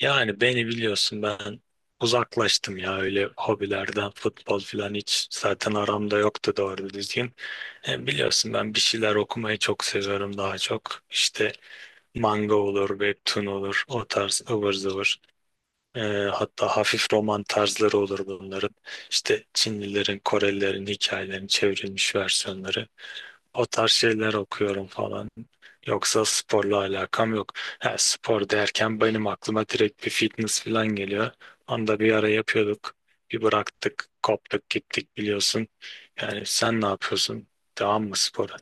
Yani beni biliyorsun ben uzaklaştım ya öyle hobilerden, futbol falan hiç zaten aramda yoktu doğru düzgün. Biliyorsun ben bir şeyler okumayı çok seviyorum daha çok. İşte manga olur, webtoon olur, o tarz ıvır zıvır. E, Hatta hafif roman tarzları olur bunların. İşte Çinlilerin, Korelilerin hikayelerini, çevrilmiş versiyonları. O tarz şeyler okuyorum falan. Yoksa sporla alakam yok. Ha, spor derken benim aklıma direkt bir fitness falan geliyor. Onda bir ara yapıyorduk. Bir bıraktık, koptuk, gittik biliyorsun. Yani sen ne yapıyorsun? Devam mı spora?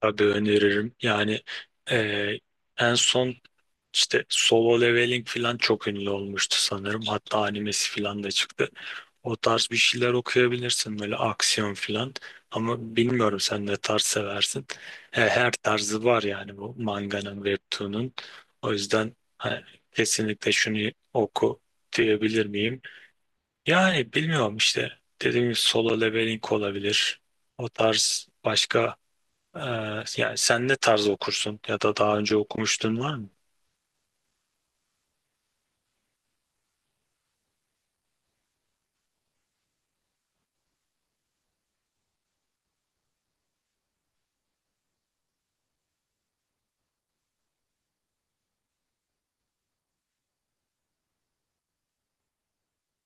Tabii öneririm. Yani eee, en son işte Solo Leveling falan çok ünlü olmuştu sanırım. Hatta animesi falan da çıktı. O tarz bir şeyler okuyabilirsin, böyle aksiyon filan. Ama bilmiyorum sen ne tarz seversin. He, her tarzı var yani bu manganın, webtoon'un. O yüzden hani, kesinlikle şunu oku diyebilir miyim? Yani bilmiyorum işte. Dediğim gibi Solo Leveling olabilir. O tarz başka e, yani sen ne tarz okursun ya da daha önce okumuştun var mı?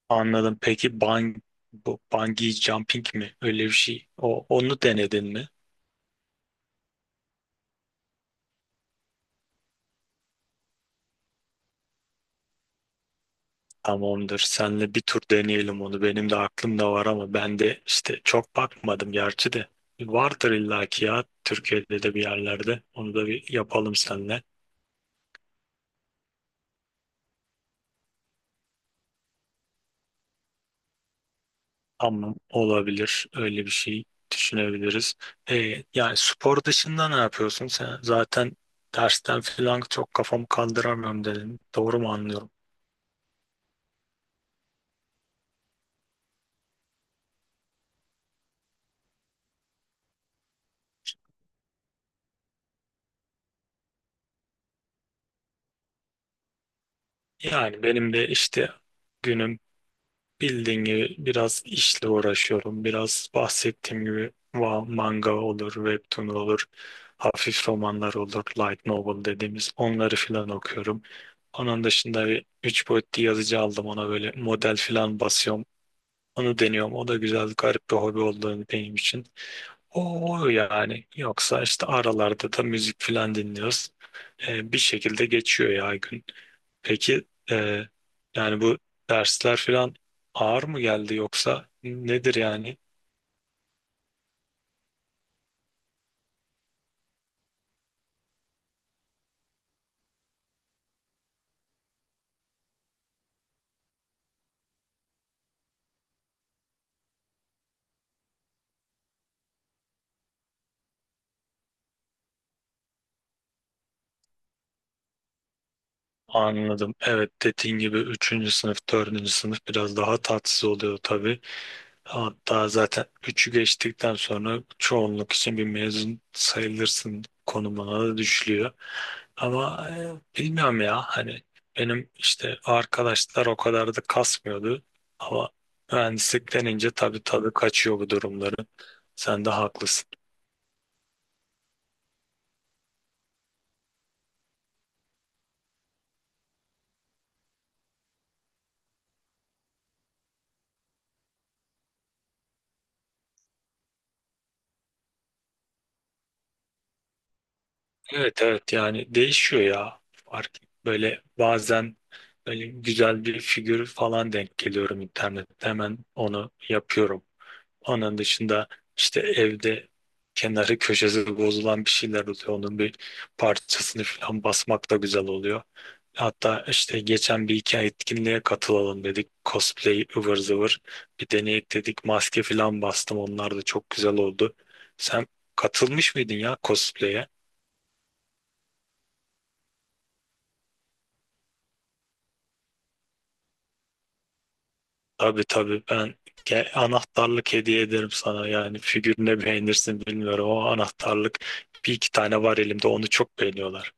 Anladım. Peki, bu bungee jumping mi? Öyle bir şey. Onu denedin mi? Tamamdır. Senle bir tur deneyelim onu. Benim de aklımda var ama ben de işte çok bakmadım gerçi de. Vardır illaki ya, Türkiye'de de bir yerlerde. Onu da bir yapalım seninle. Ama olabilir. Öyle bir şey düşünebiliriz. Yani spor dışında ne yapıyorsun? Sen zaten dersten falan çok, kafamı kandıramıyorum dedim. Doğru mu anlıyorum? Yani benim de işte günüm, bildiğin gibi biraz işle uğraşıyorum. Biraz bahsettiğim gibi manga olur, webtoon olur, hafif romanlar olur, light novel dediğimiz onları filan okuyorum. Onun dışında bir 3 boyutlu yazıcı aldım, ona böyle model filan basıyorum. Onu deniyorum. O da güzel, garip bir hobi olduğunu benim için. O yani. Yoksa işte aralarda da müzik filan dinliyoruz. Bir şekilde geçiyor ya gün. Peki yani bu dersler falan ağır mı geldi, yoksa nedir yani? Anladım. Evet, dediğin gibi üçüncü sınıf, dördüncü sınıf biraz daha tatsız oluyor tabii. Hatta zaten üçü geçtikten sonra çoğunluk için bir mezun sayılırsın konumuna da düşülüyor. Ama bilmiyorum ya hani, benim işte arkadaşlar o kadar da kasmıyordu. Ama mühendislik denince tabii tadı kaçıyor bu durumları. Sen de haklısın. Evet, evet, yani değişiyor ya. Fark, böyle bazen böyle güzel bir figür falan denk geliyorum internette, hemen onu yapıyorum. Onun dışında işte evde kenarı köşesi bozulan bir şeyler oluyor. Onun bir parçasını falan basmak da güzel oluyor. Hatta işte geçen bir iki etkinliğe katılalım dedik. Cosplay ıvır zıvır. Bir deneyek dedik. Maske falan bastım. Onlar da çok güzel oldu. Sen katılmış mıydın ya cosplay'e? Tabii tabii, ben anahtarlık hediye ederim sana, yani figürüne beğenirsin bilmiyorum ama anahtarlık bir iki tane var elimde, onu çok beğeniyorlar.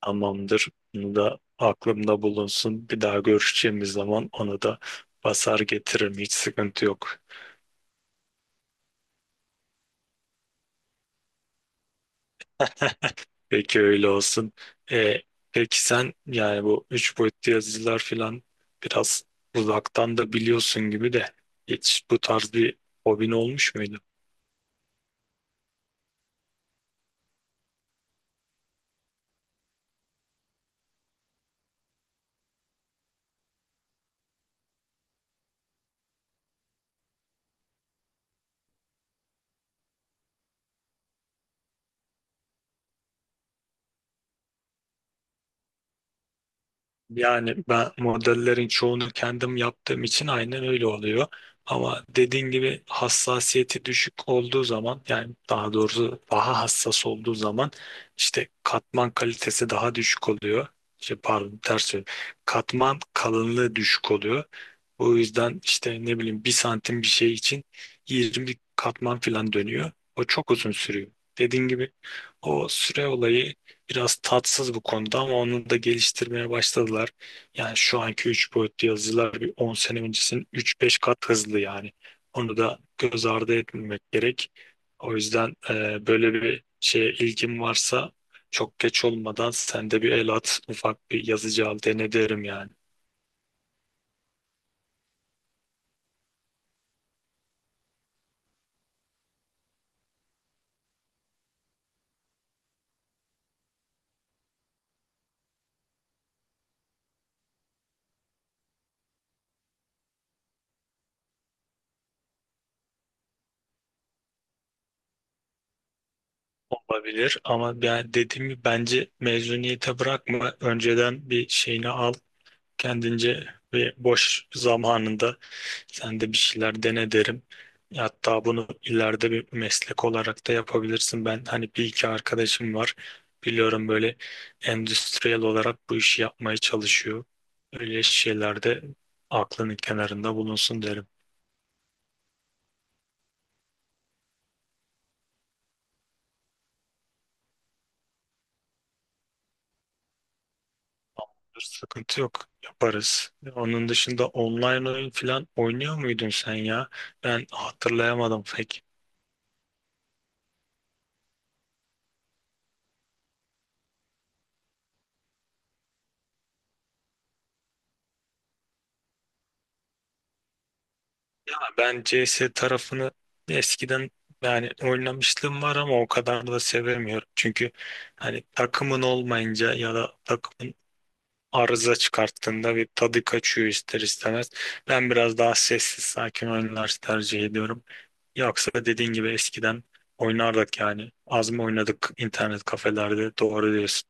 Tamamdır, bunu da aklımda bulunsun, bir daha görüşeceğimiz zaman onu da basar getiririm, hiç sıkıntı yok. Peki öyle olsun. E, peki sen, yani bu üç boyutlu yazıcılar falan, biraz uzaktan da biliyorsun gibi de, hiç bu tarz bir hobin olmuş muydu? Yani ben modellerin çoğunu kendim yaptığım için aynen öyle oluyor. Ama dediğin gibi hassasiyeti düşük olduğu zaman, yani daha doğrusu daha hassas olduğu zaman işte katman kalitesi daha düşük oluyor. İşte pardon, ters söyledim. Katman kalınlığı düşük oluyor. O yüzden işte, ne bileyim, bir santim bir şey için 20 katman falan dönüyor. O çok uzun sürüyor. Dediğin gibi o süre olayı biraz tatsız bu konuda, ama onu da geliştirmeye başladılar. Yani şu anki 3 boyutlu yazıcılar bir 10 sene öncesinin üç beş kat hızlı yani. Onu da göz ardı etmemek gerek. O yüzden böyle bir şeye ilgin varsa, çok geç olmadan sen de bir el at, ufak bir yazıcı al, dene derim yani. Olabilir ama ben dediğim gibi bence mezuniyete bırakma. Önceden bir şeyini al, kendince ve boş zamanında sen de bir şeyler dene derim. Hatta bunu ileride bir meslek olarak da yapabilirsin. Ben hani bir iki arkadaşım var. Biliyorum, böyle endüstriyel olarak bu işi yapmaya çalışıyor. Öyle şeylerde aklının kenarında bulunsun derim. Sıkıntı yok. Yaparız. Onun dışında online oyun falan oynuyor muydun sen ya? Ben hatırlayamadım pek. Ben CS tarafını eskiden yani oynamışlığım var ama o kadar da sevemiyorum. Çünkü hani takımın olmayınca ya da takımın arıza çıkarttığında bir tadı kaçıyor ister istemez. Ben biraz daha sessiz sakin oyunlar tercih ediyorum. Yoksa dediğin gibi eskiden oynardık yani. Az mı oynadık internet kafelerde? Doğru diyorsun.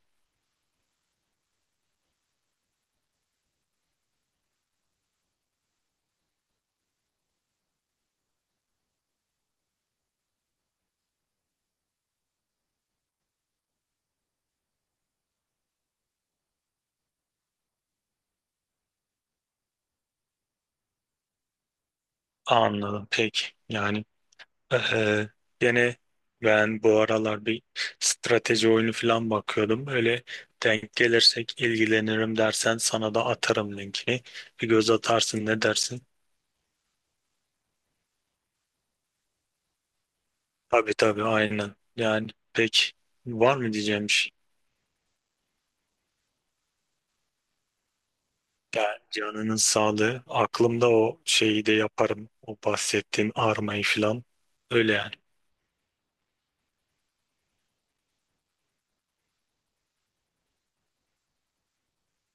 Anladım. Peki. Yani Ee, gene ben bu aralar bir strateji oyunu falan bakıyordum. Öyle denk gelirsek ilgilenirim dersen sana da atarım linkini. Bir göz atarsın, ne dersin? Tabii tabii aynen. Yani pek var mı diyeceğim bir şey. Yani canının sağlığı. Aklımda, o şeyi de yaparım. O bahsettiğin armayı falan. Öyle yani.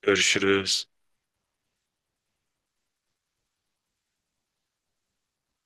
Görüşürüz.